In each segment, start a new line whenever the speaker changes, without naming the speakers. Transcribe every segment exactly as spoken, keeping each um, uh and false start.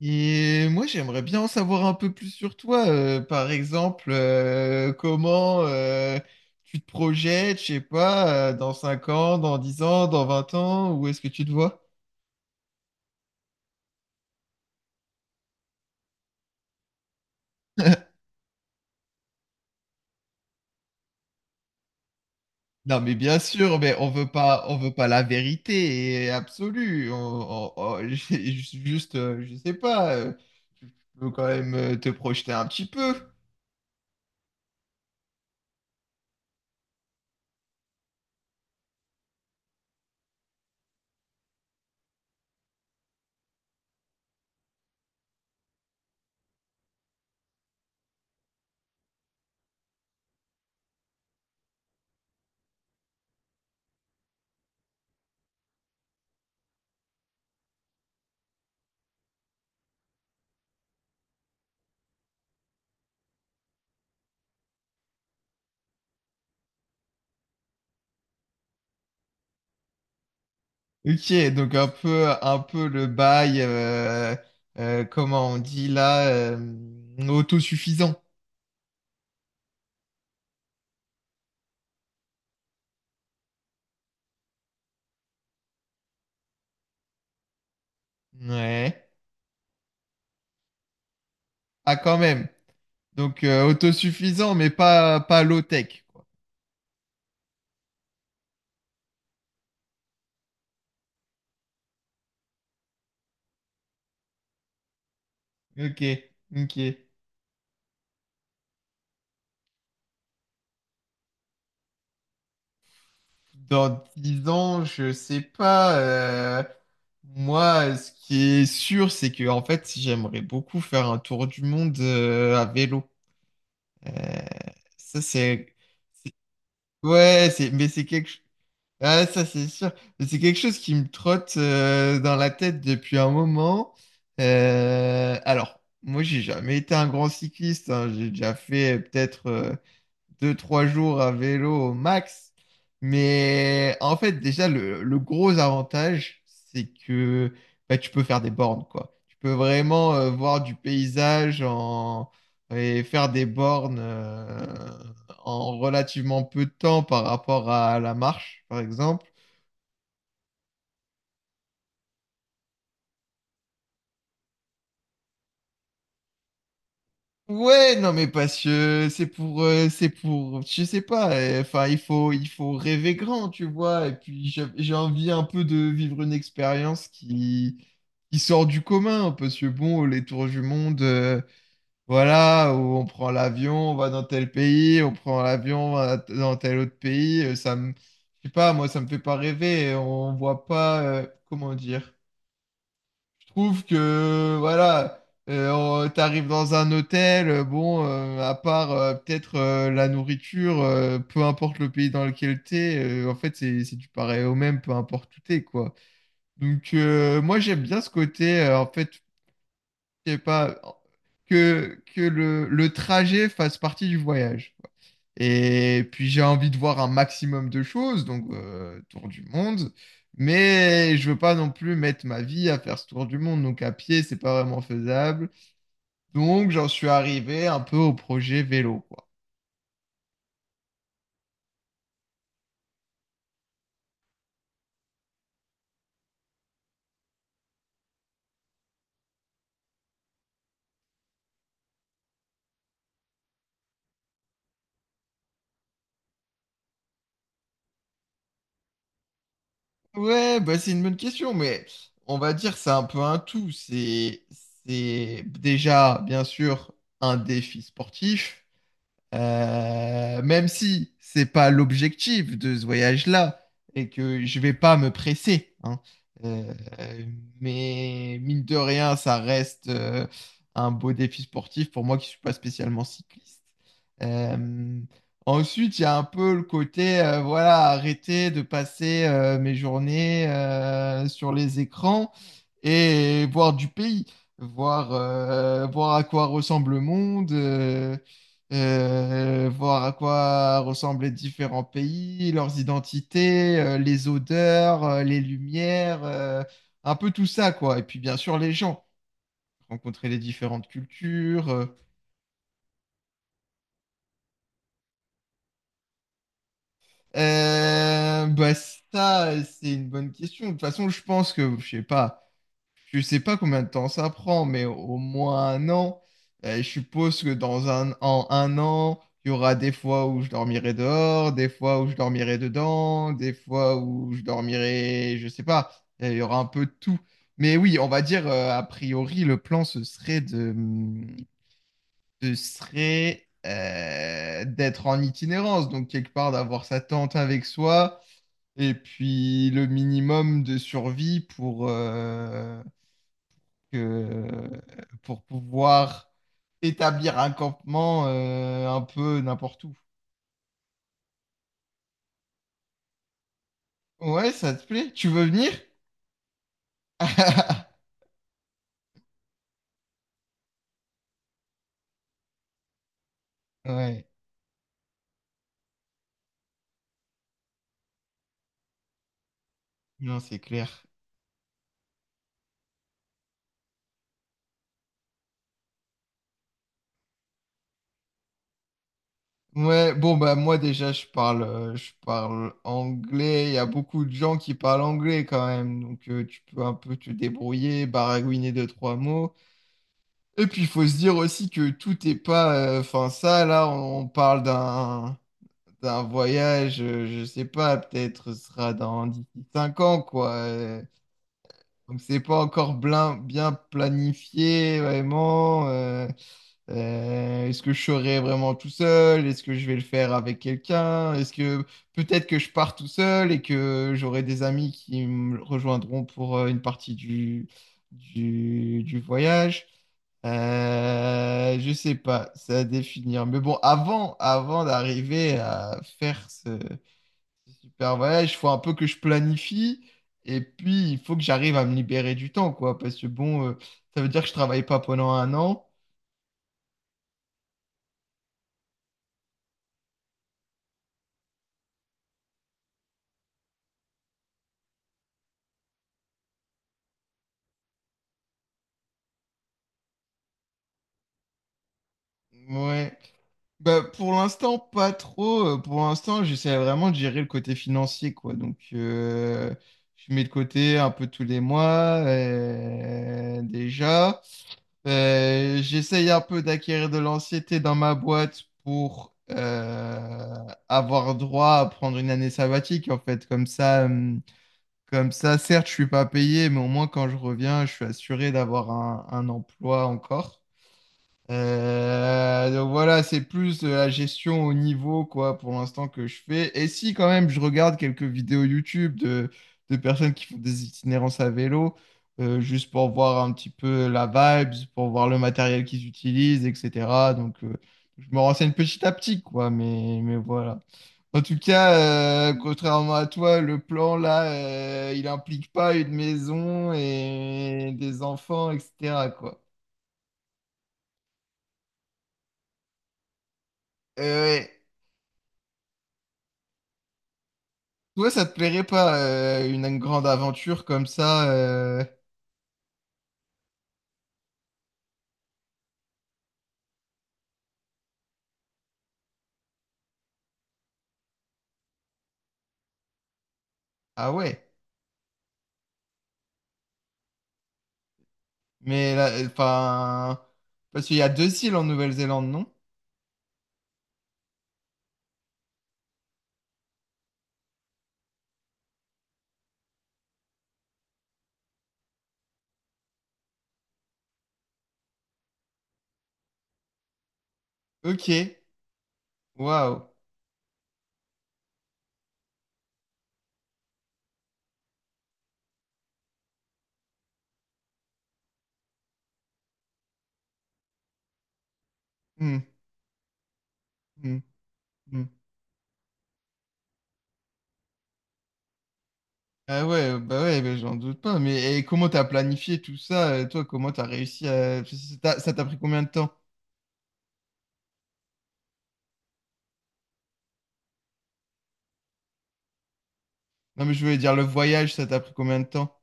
Et moi, j'aimerais bien en savoir un peu plus sur toi. euh, par exemple, euh, comment euh, tu te projettes, je sais pas, euh, dans cinq ans, dans dix ans, dans vingt ans, où est-ce que tu te vois? Non, mais bien sûr, mais on veut pas, on veut pas la vérité absolue. On- on- on- juste, euh, je sais pas, euh, faut quand même euh, te projeter un petit peu. Ok, donc un peu, un peu le bail, euh, euh, comment on dit là, euh, autosuffisant. Ouais. Ah, quand même. Donc, euh, autosuffisant, mais pas, pas low-tech, quoi. Ok, ok. Dans dix ans, je sais pas. euh, moi, ce qui est sûr, c'est que, en fait, j'aimerais beaucoup faire un tour du monde euh, à vélo. Euh, ça, c'est. c'est- Ouais, c'est, mais c'est quelque chose. Ah, ça c'est sûr. Mais C'est quelque chose qui me trotte euh, dans la tête depuis un moment. Euh, alors, moi j'ai jamais été un grand cycliste, hein. J'ai déjà fait euh, peut-être euh, deux, trois jours à vélo au max. Mais en fait, déjà, le, le gros avantage, c'est que bah, tu peux faire des bornes, quoi. Tu peux vraiment euh, voir du paysage en... et faire des bornes euh, en relativement peu de temps par rapport à la marche, par exemple. Ouais, non mais parce que c'est pour, euh, c'est pour, je sais pas, euh, enfin il faut, il faut rêver grand, tu vois, et puis j'ai j'ai envie un peu de vivre une expérience qui, qui sort du commun, parce que bon, les tours du monde, euh, voilà, où on prend l'avion, on va dans tel pays, on prend l'avion, on va dans tel autre pays, euh, ça me, je sais pas, moi ça me fait pas rêver, on voit pas, euh, comment dire. Je trouve que voilà, euh, on- t'arrives dans un hôtel, euh, bon, euh, à part euh, peut-être euh, la nourriture, euh, peu importe le pays dans lequel t'es, euh, en fait c'est c'est du pareil au même, peu importe où t'es quoi. Donc euh, moi j'aime bien ce côté euh, en fait je sais pas, que, que le, le trajet fasse partie du voyage, quoi. Et puis j'ai envie de voir un maximum de choses, donc euh, tour du monde, mais je veux pas non plus mettre ma vie à faire ce tour du monde, donc à pied, c'est pas vraiment faisable. Donc j'en suis arrivé un peu au projet vélo, quoi. Ouais, bah c'est une bonne question, mais on va dire c'est un peu un tout. C'est c'est déjà bien sûr un défi sportif. Euh, même si c'est pas l'objectif de ce voyage-là et que je vais pas me presser, hein. Euh, mais mine de rien, ça reste euh, un beau défi sportif pour moi qui suis pas spécialement cycliste. Euh, ensuite, il y a un peu le côté, euh, voilà, arrêter de passer euh, mes journées euh, sur les écrans et voir du pays, voir, euh, voir à quoi ressemble le monde. euh, euh, voir à quoi ressemblent les différents pays, leurs identités, euh, les odeurs, euh, les lumières, euh, un peu tout ça, quoi. Et puis bien sûr les gens, rencontrer les différentes cultures. euh. Euh, bah ça, c'est une bonne question. De toute façon, je pense que, je sais pas. Je sais pas combien de temps ça prend, mais au moins un an. Euh, je suppose que dans un, en un an, il y aura des fois où je dormirai dehors, des fois où je dormirai dedans, des fois où je dormirai, je sais pas. Euh, Il y aura un peu de tout. Mais oui, on va dire, euh, a priori, le plan, ce serait de, ce serait, euh, d'être en itinérance, donc quelque part d'avoir sa tente avec soi, et puis le minimum de survie pour, euh, que euh, pour pouvoir établir un campement euh, un peu n'importe où. Ouais, ça te plaît? Tu veux venir? Ouais, non, c'est clair. Ouais, bon, bah moi déjà, je parle, euh, je parle anglais. Il y a beaucoup de gens qui parlent anglais quand même. Donc, euh, tu peux un peu te débrouiller, baragouiner deux, trois mots. Et puis, il faut se dire aussi que tout est pas... euh, Enfin, ça, là, on on parle d'un... c'est un voyage, euh, je sais pas, peut-être ce sera dans d'ici cinq ans, quoi. euh. Donc c'est pas encore blin- bien planifié, vraiment. Euh, euh, est-ce que je serai vraiment tout seul? Est-ce que je vais le faire avec quelqu'un? Est-ce que peut-être que je pars tout seul et que j'aurai des amis qui me rejoindront pour euh, une partie du, du, du voyage? Euh, je sais pas, c'est à définir. Mais bon, avant, avant d'arriver à faire ce, Faire voyage, il faut un peu que je planifie et puis il faut que j'arrive à me libérer du temps, quoi. Parce que bon, euh, ça veut dire que je travaille pas pendant un an. Ouais. Bah, pour l'instant, pas trop. Euh, Pour l'instant, j'essaie vraiment de gérer le côté financier, quoi. Donc, euh, je mets de côté un peu tous les mois, euh, déjà. Euh, j'essaye un peu d'acquérir de l'anxiété dans ma boîte pour euh, avoir droit à prendre une année sabbatique, en fait. Comme ça. hum, Comme ça, certes, je suis pas payé, mais au moins quand je reviens, je suis assuré d'avoir un, un emploi encore. Euh, donc voilà, c'est plus de la gestion au niveau, quoi, pour l'instant que je fais. Et si quand même je regarde quelques vidéos YouTube de, de personnes qui font des itinérances à vélo, euh, juste pour voir un petit peu la vibes, pour voir le matériel qu'ils utilisent, et cetera. Donc euh, je me renseigne petit à petit, quoi, mais, mais voilà. En tout cas, euh, contrairement à toi, le plan là, euh, il implique pas une maison et des enfants, et cetera, quoi. Euh, ouais. Toi, ça te plairait pas euh, une, une grande aventure comme ça euh, Ah ouais. Mais là, enfin, parce qu'il y a deux îles en Nouvelle-Zélande, non? Ok. Waouh. Hmm, hmm, hmm. Ah ouais, bah ouais, mais j'en doute pas. Mais et comment t'as planifié tout ça? euh, Toi, comment t'as réussi à... Ça t'a ça t'a pris combien de temps? Non, mais je voulais dire le voyage, ça t'a pris combien de temps?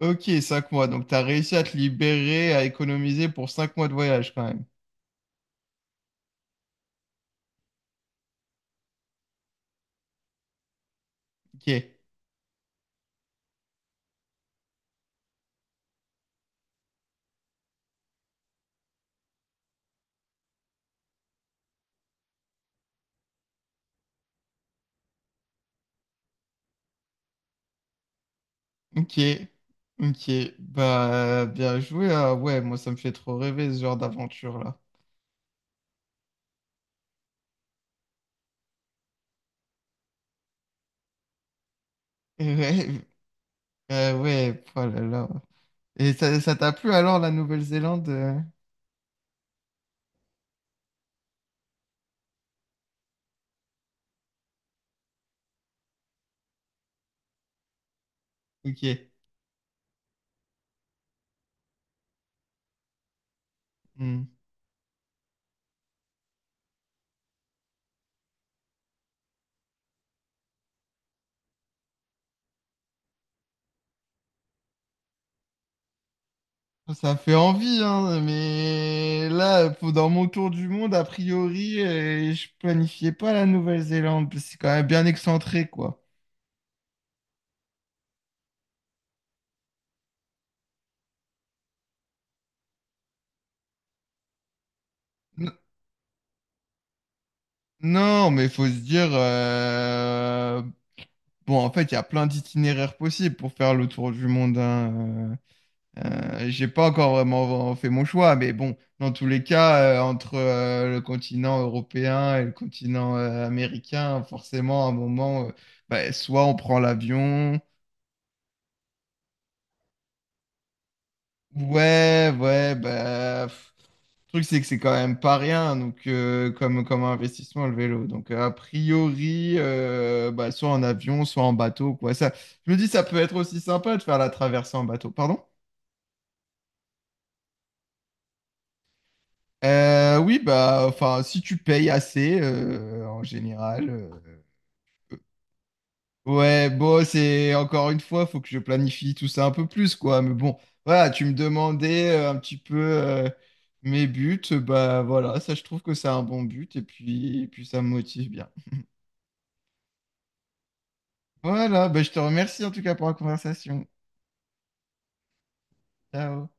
Ok, cinq mois. Donc t'as réussi à te libérer, à économiser pour cinq mois de voyage quand même. Ok. Ok, ok, bah bien joué. Ah ouais, moi ça me fait trop rêver ce genre d'aventure là. Ouais, euh, ouais, oh là là. Et ça, ça t'a plu alors la Nouvelle-Zélande? euh Ok, hmm. Ça fait envie, hein, mais là, pour- dans mon tour du monde, a priori, euh, je planifiais pas la Nouvelle-Zélande, parce que c'est quand même bien excentré, quoi. N- non, mais faut se dire, euh, bon, en fait, il y a plein d'itinéraires possibles pour faire le tour du monde, hein, euh. Euh, j'ai pas encore vraiment fait mon choix, mais bon, dans tous les cas, euh, entre euh, le continent européen et le continent euh, américain, forcément, à un moment, euh, bah, soit on prend l'avion. Ouais, ouais, bah, pff, le truc, c'est que c'est quand même pas rien, donc euh, comme, comme investissement, le vélo. Donc, a priori, euh, bah, soit en avion, soit en bateau, quoi. Ça, je me dis, ça peut être aussi sympa de faire la traversée en bateau. Pardon? Euh, oui, bah, enfin, si tu payes assez, euh, en général. euh, ouais, bon, c'est encore une fois, faut que je planifie tout ça un peu plus, quoi. Mais bon, voilà, tu me demandais euh, un petit peu euh, mes buts, bah voilà, ça, je trouve que c'est un bon but et puis, et puis, ça me motive bien. Voilà, bah, je te remercie en tout cas pour la conversation. Ciao.